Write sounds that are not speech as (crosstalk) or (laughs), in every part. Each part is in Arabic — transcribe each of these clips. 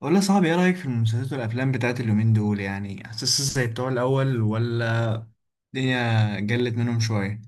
والله يا صاحبي، ايه رأيك في المسلسلات والافلام بتاعت اليومين دول؟ يعني حاسس زي بتوع الاول، ولا الدنيا جلت منهم شوية؟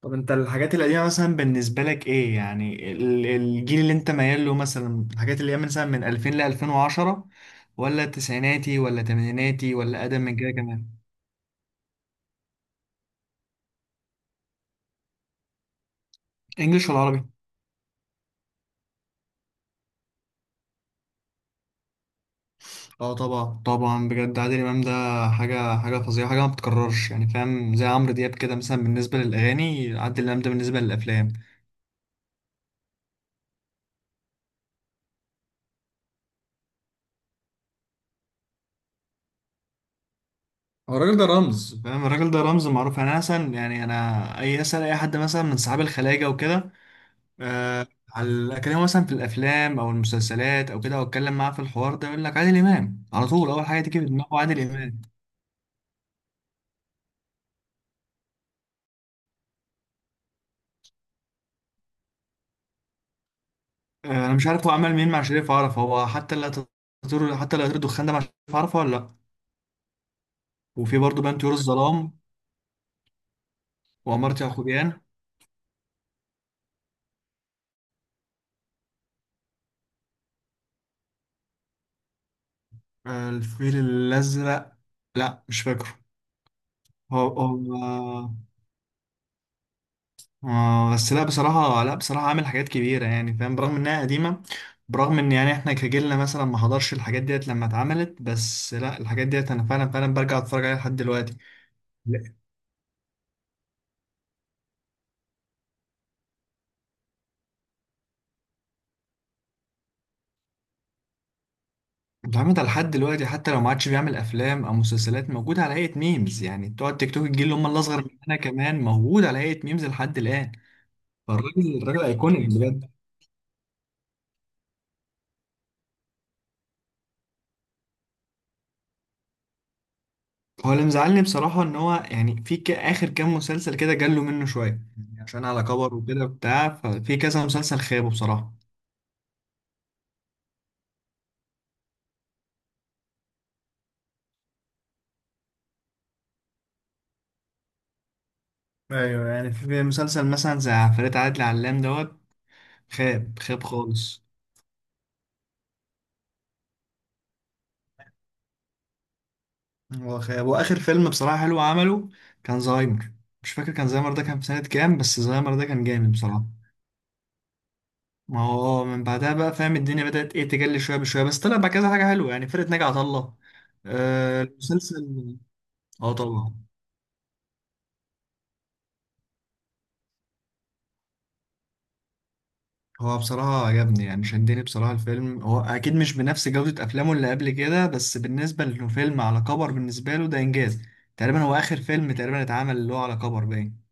طب انت الحاجات القديمة مثلا بالنسبة لك ايه، يعني الجيل اللي انت ميال له؟ مثلا الحاجات اللي هي مثلا من 2000 ل 2010، ولا تسعيناتي ولا تمانيناتي ولا اقدم من كده كمان؟ انجلش ولا عربي؟ اه طبعا طبعا، بجد عادل امام ده حاجة فظيعة، حاجة ما بتتكررش يعني فاهم، زي عمرو دياب كده مثلا بالنسبة للاغاني، عادل امام ده بالنسبة للافلام. هو الراجل ده رمز فاهم، الراجل ده رمز معروف، يعني انا مثلا يعني انا اسال اي حد مثلا من صحاب الخلاجه وكده. آه على اكلمه مثلا في الافلام او المسلسلات او كده، او اتكلم معاه في الحوار ده، يقول لك عادل امام على طول، اول حاجه تيجي في دماغه عادل امام. آه انا مش عارف هو عمل مين مع شريف عرفة، هو حتى لا يطير الدخان ده مع شريف عرفة ولا لا؟ وفي برضه بان طيور الظلام، وعمارة يعقوبيان. آه الفيل الازرق، لا مش فاكره. هو. آه بس لا بصراحة عامل حاجات كبيرة يعني فاهم، برغم إنها قديمة، برغم إن يعني إحنا كجيلنا مثلا ما حضرش الحاجات ديت لما اتعملت، بس لا، الحاجات ديت أنا فعلا فعلا برجع أتفرج عليها لحد دلوقتي. لا، اتعملت على لحد دلوقتي. حتى لو ما عادش بيعمل أفلام أو مسلسلات، موجود على هيئة ميمز يعني بتوع التيك توك، الجيل اللي هم الأصغر مننا كمان، موجود على هيئة ميمز لحد الآن. فالراجل، الراجل أيكونيك بجد. هو اللي مزعلني بصراحة إن هو يعني في آخر كام مسلسل كده جاله منه شوية، يعني عشان على كبر وكده بتاع، ففي كذا مسلسل خابه بصراحة. ايوه يعني في مسلسل مثلا زي عفاريت عادل علام دوت، خاب خاب خالص. هو خاب، واخر فيلم بصراحه حلو عمله كان زهايمر. مش فاكر، كان زهايمر ده كان في سنه كام، بس زهايمر ده كان جامد بصراحه. ما هو من بعدها بقى فاهم الدنيا بدات ايه تجلي شويه بشويه، بس طلع بقى كذا حاجه حلوه يعني، فرقه ناجي عطا الله. آه المسلسل. اه طبعا. هو بصراحة عجبني، يعني شدني بصراحة الفيلم. هو أكيد مش بنفس جودة أفلامه اللي قبل كده، بس بالنسبة لأنه فيلم على كبر بالنسبة له، ده إنجاز. تقريبا هو آخر فيلم تقريبا اتعمل اللي هو على كبر باين.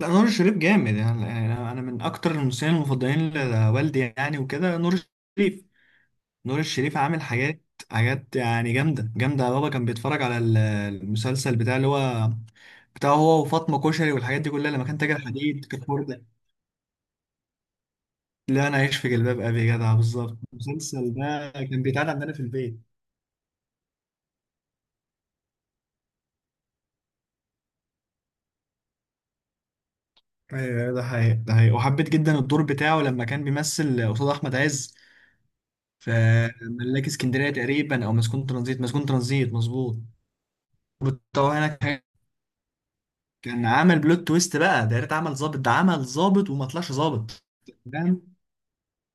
لا، نور الشريف جامد. يعني يعني أنا، يعني أنا من أكتر الممثلين المفضلين لوالدي يعني وكده، نور الشريف. نور الشريف عامل حاجات يعني جامدة جامدة. بابا كان بيتفرج على المسلسل بتاع اللي هو بتاع هو وفاطمة كشري، والحاجات دي كلها لما كان تاجر حديد كان. لا، انا عايش في جلباب ابي يا جدع، بالظبط. المسلسل ده كان بيتعاد عندنا في البيت. ايوه ده حقيقي، ده حقيقي. وحبيت جدا الدور بتاعه لما كان بيمثل قصاد احمد عز في ملاك اسكندريه تقريبا، او مسجون ترانزيت. مسجون ترانزيت مظبوط، والتوهنا. كان عمل بلوت تويست بقى ده، يا ريت عمل ظابط، ده عمل ظابط وما طلعش ظابط. ده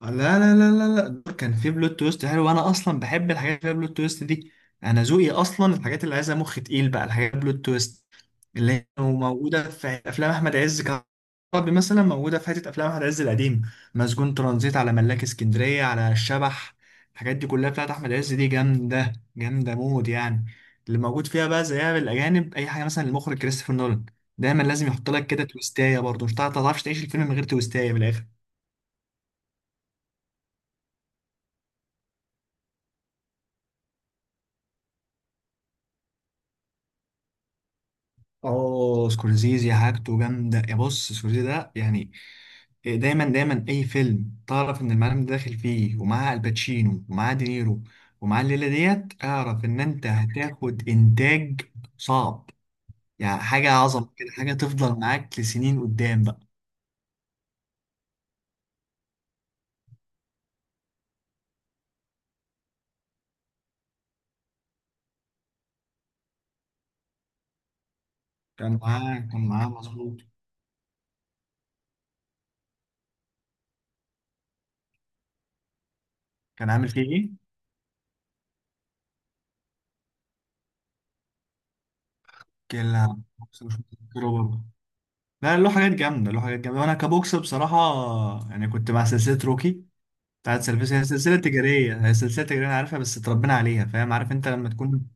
لا لا لا لا لا، دول كان في بلوت تويست حلو، وانا اصلا بحب الحاجات اللي فيها بلوت تويست دي. انا ذوقي اصلا الحاجات اللي عايزه مخ تقيل بقى، الحاجات بلوت تويست، اللي هي موجوده في افلام احمد عز كعربي مثلا، موجوده في حته افلام احمد عز القديم: مسجون ترانزيت، على ملاك اسكندريه، على الشبح. الحاجات دي كلها بتاعت احمد عز دي جامده جامده مود يعني، اللي موجود فيها بقى. زيها بالاجانب اي حاجه، مثلا المخرج كريستوفر نولان، دايما لازم يحط لك كده تويستايه، برضه مش تعرفش تعيش الفيلم من غير تويستايه بالاخر. اه سكورسيزي حاجته جامده، يا بص سكورسيزي ده يعني دايما دايما اي فيلم تعرف ان المعلم ده داخل فيه، ومعاه الباتشينو ومعاه دينيرو ومعاه الليله ديت، اعرف ان انت هتاخد انتاج صعب، يعني حاجه عظمه كده، حاجه تفضل معاك لسنين قدام بقى. كان معاه مظبوط. كان عامل فيه ايه؟ كلا بوكس مش متذكره برضه. لا، له حاجات جامده، له حاجات جامده، وانا كبوكس بصراحه يعني كنت مع سلسله روكي بتاعت سيرفيس. هي سلسلة تجارية، هي سلسلة تجارية أنا عارفها، بس اتربينا عليها فاهم، عارف أنت لما تكون.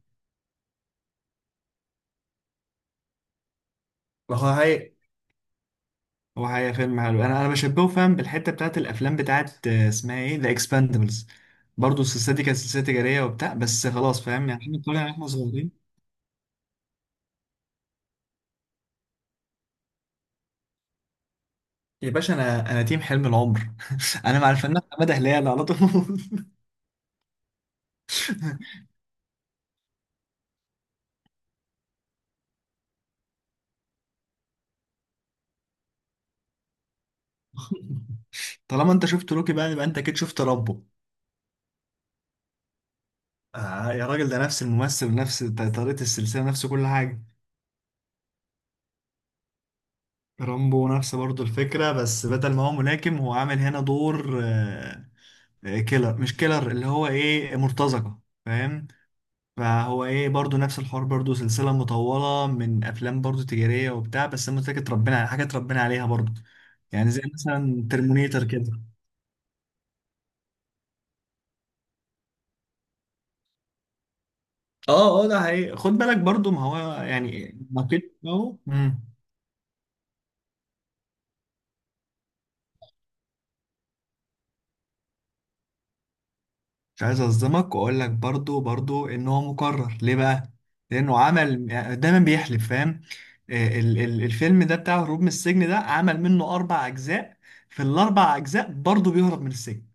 هو هاي هو هاي فيلم حلو. أنا بشبهه فاهم بالحتة بتاعت الأفلام بتاعت اسمها إيه، ذا إكسباندبلز. برضه السلسلة دي كانت سلسلة تجارية وبتاع، بس خلاص فاهم يعني، إحنا طلعنا إحنا صغيرين. يا باشا أنا تيم حلم العمر (laughs) أنا مع الفنان حمادة هلال على طول (laughs) طالما أنت شفت روكي بقى، يبقى أنت أكيد شفت رامبو. آه يا راجل، ده نفس الممثل ونفس طريقة السلسلة، نفس كل حاجة. رامبو نفس برضو الفكرة، بس بدل ما هو ملاكم، هو عامل هنا دور كيلر، مش كيلر، اللي هو ايه، مرتزقة فاهم. فهو ايه، برضو نفس الحوار، برضو سلسلة مطولة من افلام برضو تجارية وبتاع، بس هي متاكد ربنا على حاجة اتربينا عليها برضو، يعني زي مثلا ترمينيتر كده. اه اه ده حقيقي، خد بالك برضو، ما هو يعني نقيض اهو. مش عايز اصدمك واقول لك برضو برضو ان هو مكرر ليه بقى، لانه عمل، دايما بيحلف فاهم. الفيلم ده بتاع هروب من السجن، ده عمل منه اربع اجزاء، في الاربع اجزاء برضو بيهرب من السجن.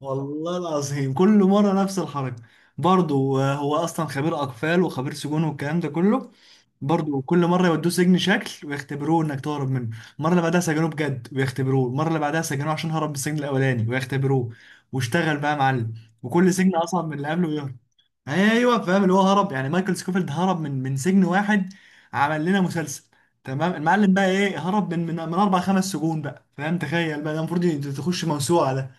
والله العظيم كل مرة نفس الحركة. برضه هو أصلا خبير أقفال وخبير سجون والكلام ده كله. برضه كل مرة يودوه سجن شكل ويختبروه إنك تهرب منه، المرة اللي بعدها سجنوه بجد ويختبروه، المرة اللي بعدها سجنوه عشان هرب من السجن الأولاني ويختبروه. واشتغل بقى يا معلم، وكل سجن أصعب من اللي قبله ويهرب. أيوه فاهم اللي هو هرب، يعني مايكل سكوفيلد هرب من سجن واحد، عمل لنا مسلسل. تمام، المعلم بقى إيه، هرب من أربع خمس سجون بقى فاهم؟ تخيل بقى، ده المفروض تخش موسوعة.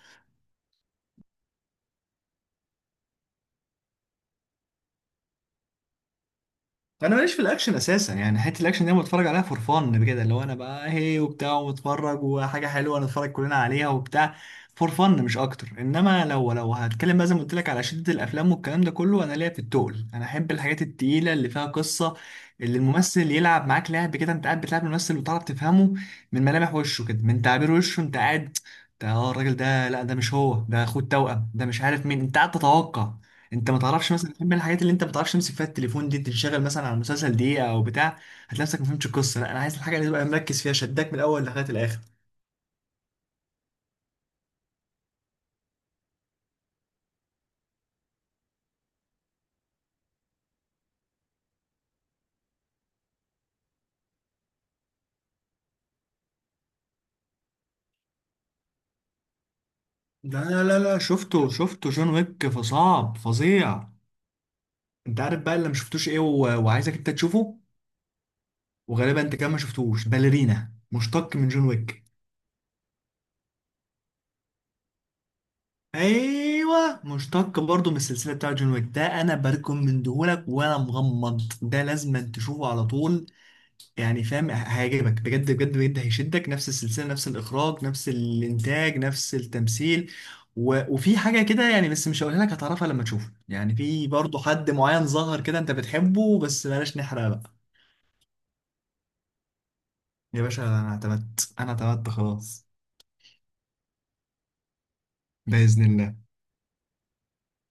انا ماليش في الاكشن اساسا يعني، حته الاكشن دي انا بتفرج عليها فور فن كده، اللي هو انا بقى هي وبتاع ومتفرج، وحاجه حلوه نتفرج كلنا عليها وبتاع، فور فن مش اكتر. انما لو لو هتكلم بقى زي ما قلت لك على شده الافلام والكلام ده كله، انا ليا في التقل، انا احب الحاجات التقيله اللي فيها قصه، اللي الممثل يلعب معاك لعب كده، انت قاعد بتلعب الممثل وتعرف تفهمه من ملامح وشه كده، من تعبير وشه انت قاعد. ده اه الراجل ده، لا ده مش هو، ده اخوه التوأم، ده مش عارف مين، انت قاعد تتوقع. انت ما تعرفش مثلا، من الحاجات اللي انت ما بتعرفش تمسك فيها التليفون دي، تنشغل مثلا على المسلسل دقيقه او بتاع، هتلاقي نفسك ما فهمتش القصه. لا انا عايز الحاجه اللي تبقى مركز فيها، شداك من الاول لغايه الاخر. لا لا لا، شفته جون ويك، فصعب فظيع. انت عارف بقى اللي ما شفتوش ايه وعايزك انت تشوفه، وغالبا انت كمان ما شفتوش باليرينا مشتق من جون ويك. ايوه مشتق برضه من السلسله بتاعت جون ويك ده، انا بركم من دهولك وانا مغمض، ده لازم تشوفه على طول يعني فاهم. هيعجبك بجد بجد بجد، هيشدك، نفس السلسلة، نفس الإخراج، نفس الإنتاج، نفس التمثيل، وفي حاجة كده يعني، بس مش هقولها لك، هتعرفها لما تشوفه. يعني في برضه حد معين ظهر كده أنت بتحبه، بس بلاش نحرق بقى. يا باشا أنا اعتمدت خلاص، بإذن الله.